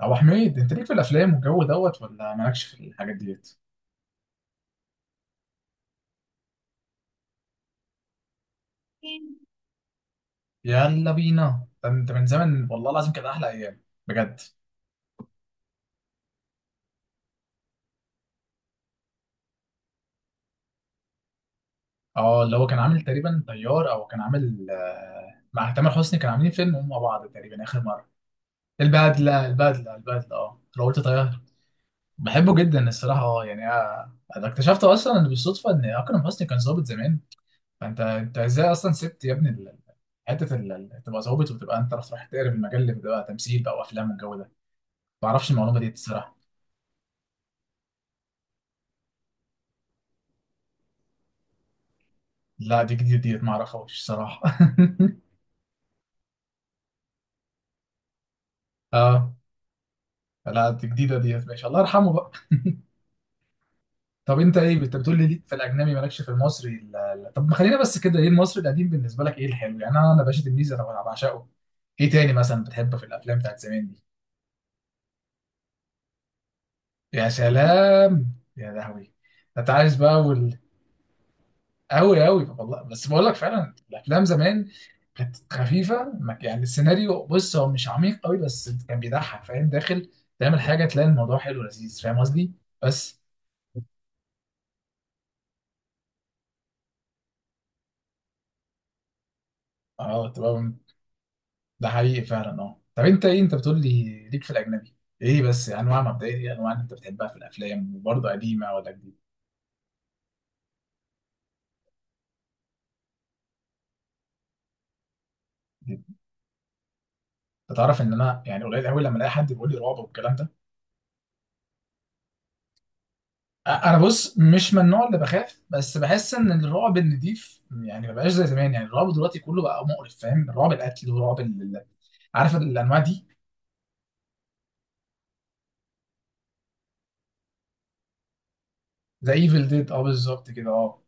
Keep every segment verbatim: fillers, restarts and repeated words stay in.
ابو حميد انت ليك في الافلام والجو دوت ولا مالكش في الحاجات ديت؟ يلا بينا ده انت من زمن، والله العظيم كانت احلى ايام، بجد. اه اللي هو كان عامل تقريبا طيار، او كان عامل آه، مع تامر حسني كان عاملين فيلم هم مع بعض تقريبا اخر مره. البدله البدله البدله، اه لو قلت طيار. بحبه جدا الصراحه، اه يعني آه، انا اكتشفت اصلا، إن بالصدفه ان اكرم حسني كان ظابط زمان. فانت انت ازاي اصلا سبت يا ابني ال- حته ال- ال- تبقى ظابط وتبقى انت رايح تقرب المجال اللي بتبقى تمثيل بقى وافلام والجو ده؟ ما اعرفش المعلومه دي الصراحه. لا دي جديده ديت، ما اعرفهاش الصراحه. اه، لا دي جديده ديت، ماشي، الله يرحمه بقى. طب انت ايه، انت بتقول لي ليك في الاجنبي مالكش في المصري، لا لا. طب ما خلينا بس كده، ايه المصري القديم بالنسبه لك، ايه الحلو يعني؟ انا انا باشا تلميذ انا بعشقه. ايه تاني مثلا بتحبه في الافلام بتاعت زمان دي؟ يا سلام، يا لهوي. انت عايز بقى. قوي قوي والله، بس بقول لك فعلا الافلام زمان كانت خفيفه، ما- يعني السيناريو بص هو مش عميق قوي، بس كان بيضحك، فاهم؟ داخل تعمل حاجه تلاقي الموضوع حلو ولذيذ، فاهم قصدي؟ بس. اه تبقى. ده حقيقي فعلا. اه طب انت ايه، انت بتقول لي ليك في الاجنبي، ايه بس انواع مبدئيه، ايه انواع اللي انت بتحبها في الافلام، وبرضه قديمه ولا جديده؟ انت تعرف ان انا يعني قليل قوي لما الاقي حد بيقول لي رعب والكلام ده. انا بص مش من النوع اللي بخاف، بس بحس ان الرعب النضيف يعني ما بقاش زي زمان، يعني الرعب دلوقتي كله بقى مقرف، فاهم؟ رعب القتل ورعب ال... ال- عارف الانواع دي. زي ايفل ديد، اه بالظبط كده اه.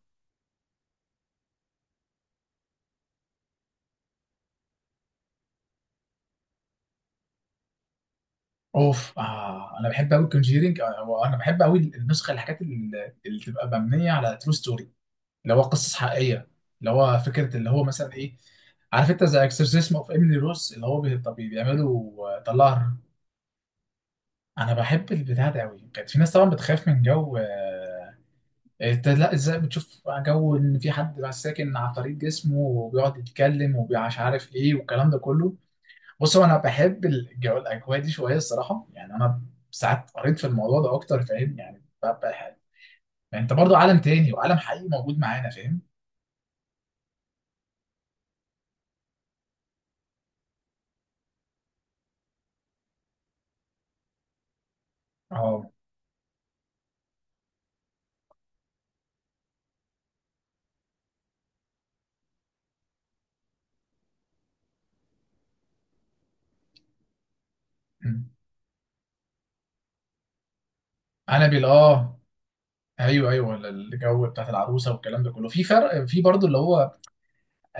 اوف، آه انا بحب قوي كونجيرنج. انا بحب قوي النسخه، الحاجات اللي, اللي تبقى مبنيه على ترو ستوري، اللي هو قصص حقيقيه، اللي هو فكره اللي هو مثلا ايه، عارف انت، زي اكسورسيزم اوف ايميلي روز، اللي هو بي- طب بيعملوا آه، طلعها. انا بحب البتاع ده قوي. كانت في ناس طبعا بتخاف من جو، آه، انت لا، ازاي بتشوف جو ان في حد بقى ساكن على طريق جسمه وبيقعد يتكلم ومش عارف ايه والكلام ده كله؟ بص هو انا بحب الجو، الاجواء دي شويه الصراحه، يعني انا ساعات قريت في الموضوع ده اكتر، فاهم يعني؟ ببقى حاجة. يعني انت برضو عالم تاني، وعالم حقيقي موجود معانا، فاهم؟ اه. أمم. عنابل، اه. ايوه ايوه، الجو بتاعت العروسه والكلام ده كله. في فرق، في برضو اللي هو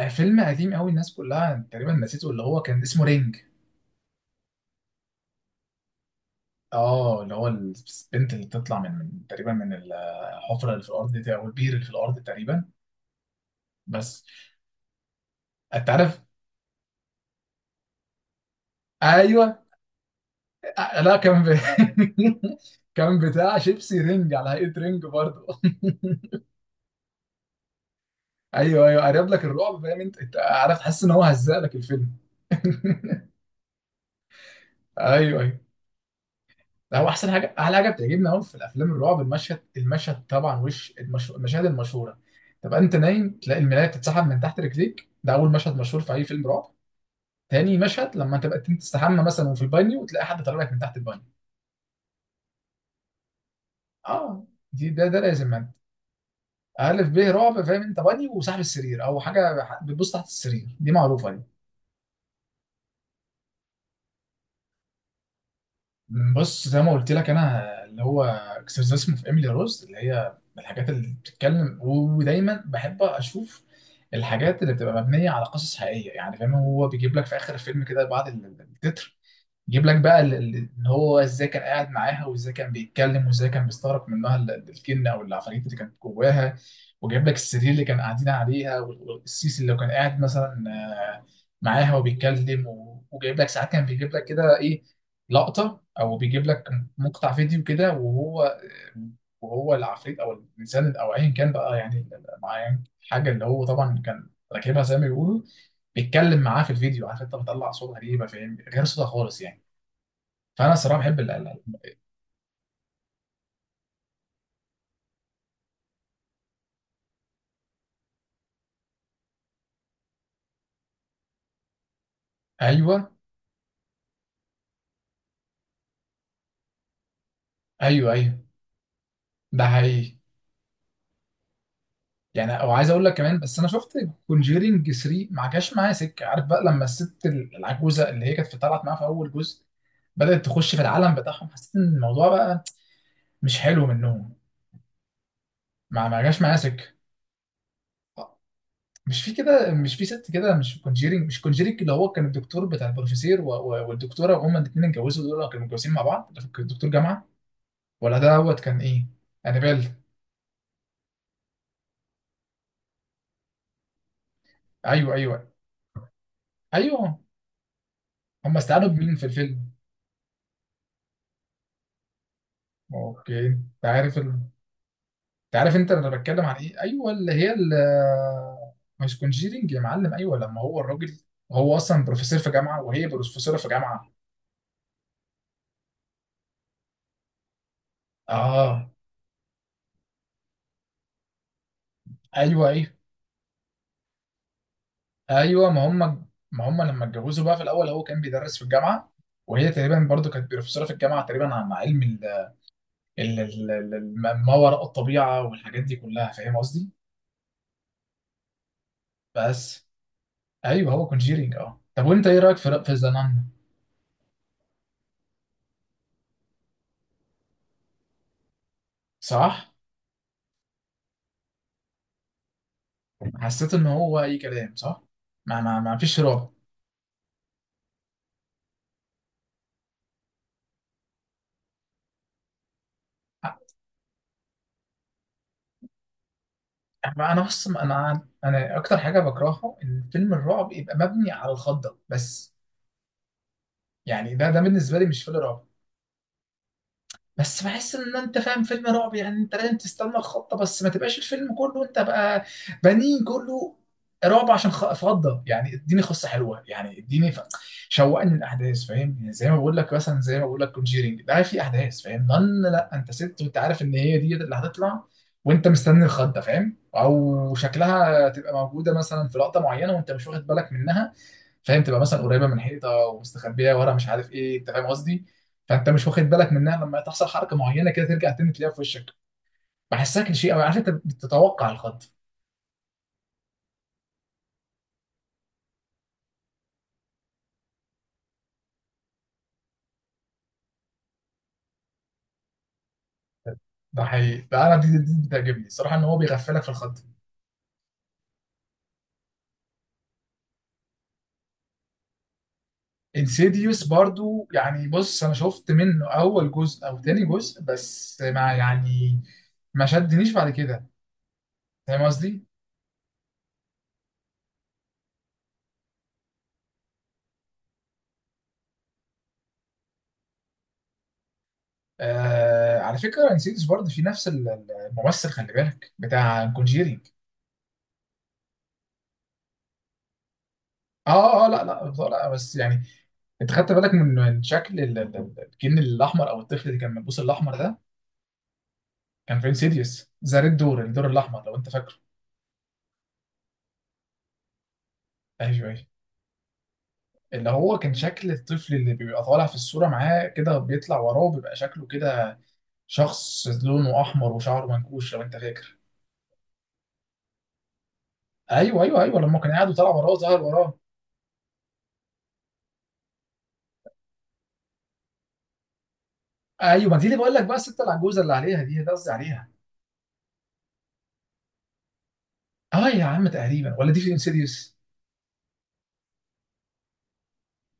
فيلم قديم قوي، الناس كلها تقريبا نسيته، اللي هو كان اسمه رينج. اه اللي هو البنت اللي بتطلع من من- تقريبا من الحفره اللي في الارض دي، او البير اللي في الارض تقريبا. بس. انت عارف؟ ايوه. آه، لا كان ب... كان بتاع شيبسي رينج على هيئه رينج برضه. ايوه ايوه، قرب لك الرعب، فاهم انت؟ انت عارف تحس ان هو هزق لك الفيلم. ايوه ايوه. ده هو احسن حاجه، احلى حاجه بتعجبني قوي في الافلام الرعب، المشهد المشهد طبعا، وش المش... المشاهد المشهوره، تبقى انت نايم تلاقي الملايه بتتسحب من تحت رجليك، ده اول مشهد مشهور في اي فيلم رعب. تاني مشهد، لما تبقى انت تستحمى مثلا وفي البانيو وتلاقي حد طالع لك من تحت البانيو. اه. دي ده ده لازم انت، الف ب رعب، فاهم انت؟ بانيو، وصاحب السرير او حاجه ح- بتبص تحت السرير، دي معروفه دي. بص زي ما قلت لك، انا اللي هو اكسرسيس اسمه في ايميلي روز، اللي هي من الحاجات اللي بتتكلم، ودايما بحب اشوف الحاجات اللي بتبقى مبنيه على قصص حقيقيه، يعني فاهم؟ هو بيجيب لك في اخر الفيلم كده، بعد ال- التتر، يجيب لك بقى ال- ال- ان هو ازاي كان قاعد معاها، وازاي كان بيتكلم، وازاي كان بيستغرق منها ال- ال- الجن او العفاريت اللي كانت جواها. وجايب لك السرير اللي كان قاعدين عليها، وال- والسيسي اللي كان قاعد مثلا آه، معاها وبيتكلم، و- وجايب لك ساعات كان بيجيب لك كده ايه، لقطة، او بيجيب لك مقطع فيديو كده، وهو وهو العفريت او الانسان او ايا كان بقى، يعني معين حاجة، اللي هو طبعا كان راكبها زي ما بيقولوا، بيتكلم معاه في الفيديو. عارف انت بتطلع صوت غريبة، فاهم؟ غير صوتها خالص يعني. فانا الصراحه بحب القلقل. ايوه ايوه ايوه. ده حقيقي. يعني، او عايز اقول لك كمان بس، انا شفت كونجيرينج تلاتة، ما جاش معايا سكه. عارف بقى لما الست ال- العجوزه اللي هي كانت في- طلعت معاها في اول جزء، بدات تخش في العالم بتاعهم، حسيت ان الموضوع بقى مش حلو منهم. ما ما جاش معايا سكه. مش في كده، مش في ست كده، مش في كونجيرينج، مش كونجيرينج اللي هو كان الدكتور بتاع البروفيسير و- و- والدكتوره، وهما الاثنين اتجوزوا، دول كانوا متجوزين مع بعض، ده كان دكتور جامعه، ولا ده دوت كان ايه، انابيل؟ ايوه ايوه ايوه. هم استعانوا بمين في الفيلم؟ اوكي، انت عارف ال... انت عارف انت انا بتكلم عن ايه؟ ايوه، اللي هي ال... مش كونجيرنج يا معلم، ايوه، لما هو الراجل، هو اصلا بروفيسور في جامعه، وهي بروفيسوره في جامعه. اه. ايوه ايوه ايوه. ما هم ما هم لما اتجوزوا بقى، في الاول هو كان بيدرس في الجامعه، وهي تقريبا برضو كانت بروفيسوره في الجامعه تقريبا، عن علم ال... ال... ال... ال... الم- ما وراء الطبيعه والحاجات دي كلها، فاهم قصدي؟ بس. ايوه هو كونجيرنج، اه. طب وانت ايه رايك في في ذا نان؟ صح. حسيت ان هو اي كلام، صح، ما ما ما فيش رعب. أما انا بص، انا انا اكتر حاجه بكرهها ان فيلم الرعب يبقى مبني على الخضه بس، يعني ده ده بالنسبه لي مش فيلم رعب. بس بحس ان انت، فاهم فيلم رعب يعني؟ انت لازم تستنى الخضه، بس ما تبقاش الفيلم كله انت بقى بنين كله رعب عشان خ- فضه. يعني اديني قصه حلوه، يعني اديني ف... شوقني الاحداث، فاهم يعني؟ زي ما بقول لك مثلا، زي ما بقول لك كونجيرنج ده، في احداث، فاهم؟ ضن، لا انت ست وانت عارف ان هي دي اللي هتطلع، وانت مستني الخضه، فاهم؟ او شكلها تبقى موجوده مثلا في لقطه معينه وانت مش واخد بالك منها، فاهم؟ تبقى مثلا قريبه من حيطه ومستخبيه ورا مش عارف ايه، انت فاهم قصدي؟ فانت مش واخد بالك منها، لما تحصل حركه معينه كده ترجع تاني تلاقيها في وشك. بحسها كليشيه قوي، عارف انت بتتوقع الخط. ده حقيقي، ده انا دي دي دي بتعجبني الصراحه، ان هو بيغفلك في الخط. انسيديوس برضو، يعني بص انا شفت منه اول جزء او تاني جزء بس، ما يعني، ما شدنيش بعد كده، فاهم قصدي؟ آه على فكره، انسيديوس برضو في نفس ال- ال- الممثل، خلي بالك، بتاع كونجيري. اه اه لا لا بصراحة لا، بس يعني، انت خدت بالك من من شكل ال- ال- ال- الجن الاحمر، او الطفل اللي كان ملبوس الاحمر ده؟ كان في انسيديوس ذا ريد دور، الدور الاحمر، لو انت فاكره. ايوه ايوه. اللي هو كان شكل الطفل اللي بيبقى طالع في الصوره معاه كده، بيطلع وراه بيبقى شكله كده، شخص لونه احمر وشعره منكوش، لو انت فاكر. ايوه ايوه ايوه لما كان قاعد وطلع وراه، ظهر وراه. ايوه ما دي اللي بقول لك بقى، الست العجوزه اللي عليها دي، ده قصدي عليها. اه يا عم تقريبا، ولا دي في انسيديوس؟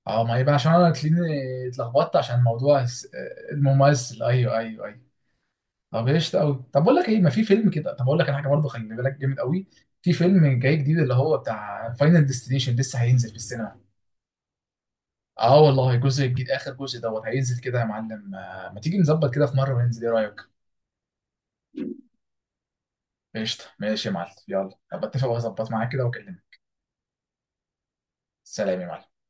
اه، ما يبقى عشان انا تلاقيني اتلخبطت، عشان موضوع الس- الممثل. ايوه ايوه ايوه. طب ايش قوي، طب بقول لك ايه، ما في فيلم كده، طب اقول لك انا حاجه برضه خلي بالك، جامد قوي، في فيلم جاي جديد اللي هو بتاع فاينل ديستنيشن، لسه هينزل في السينما. اه والله، الجزء الجديد، اخر جزء دوت هينزل كده يا معلم. آه، ما تيجي نظبط كده في مره وننزل، ايه رايك؟ قشطه، ماشي يا معلم، يلا، ابقى اتفق واظبط معاك كده واكلمك. سلام يا معلم.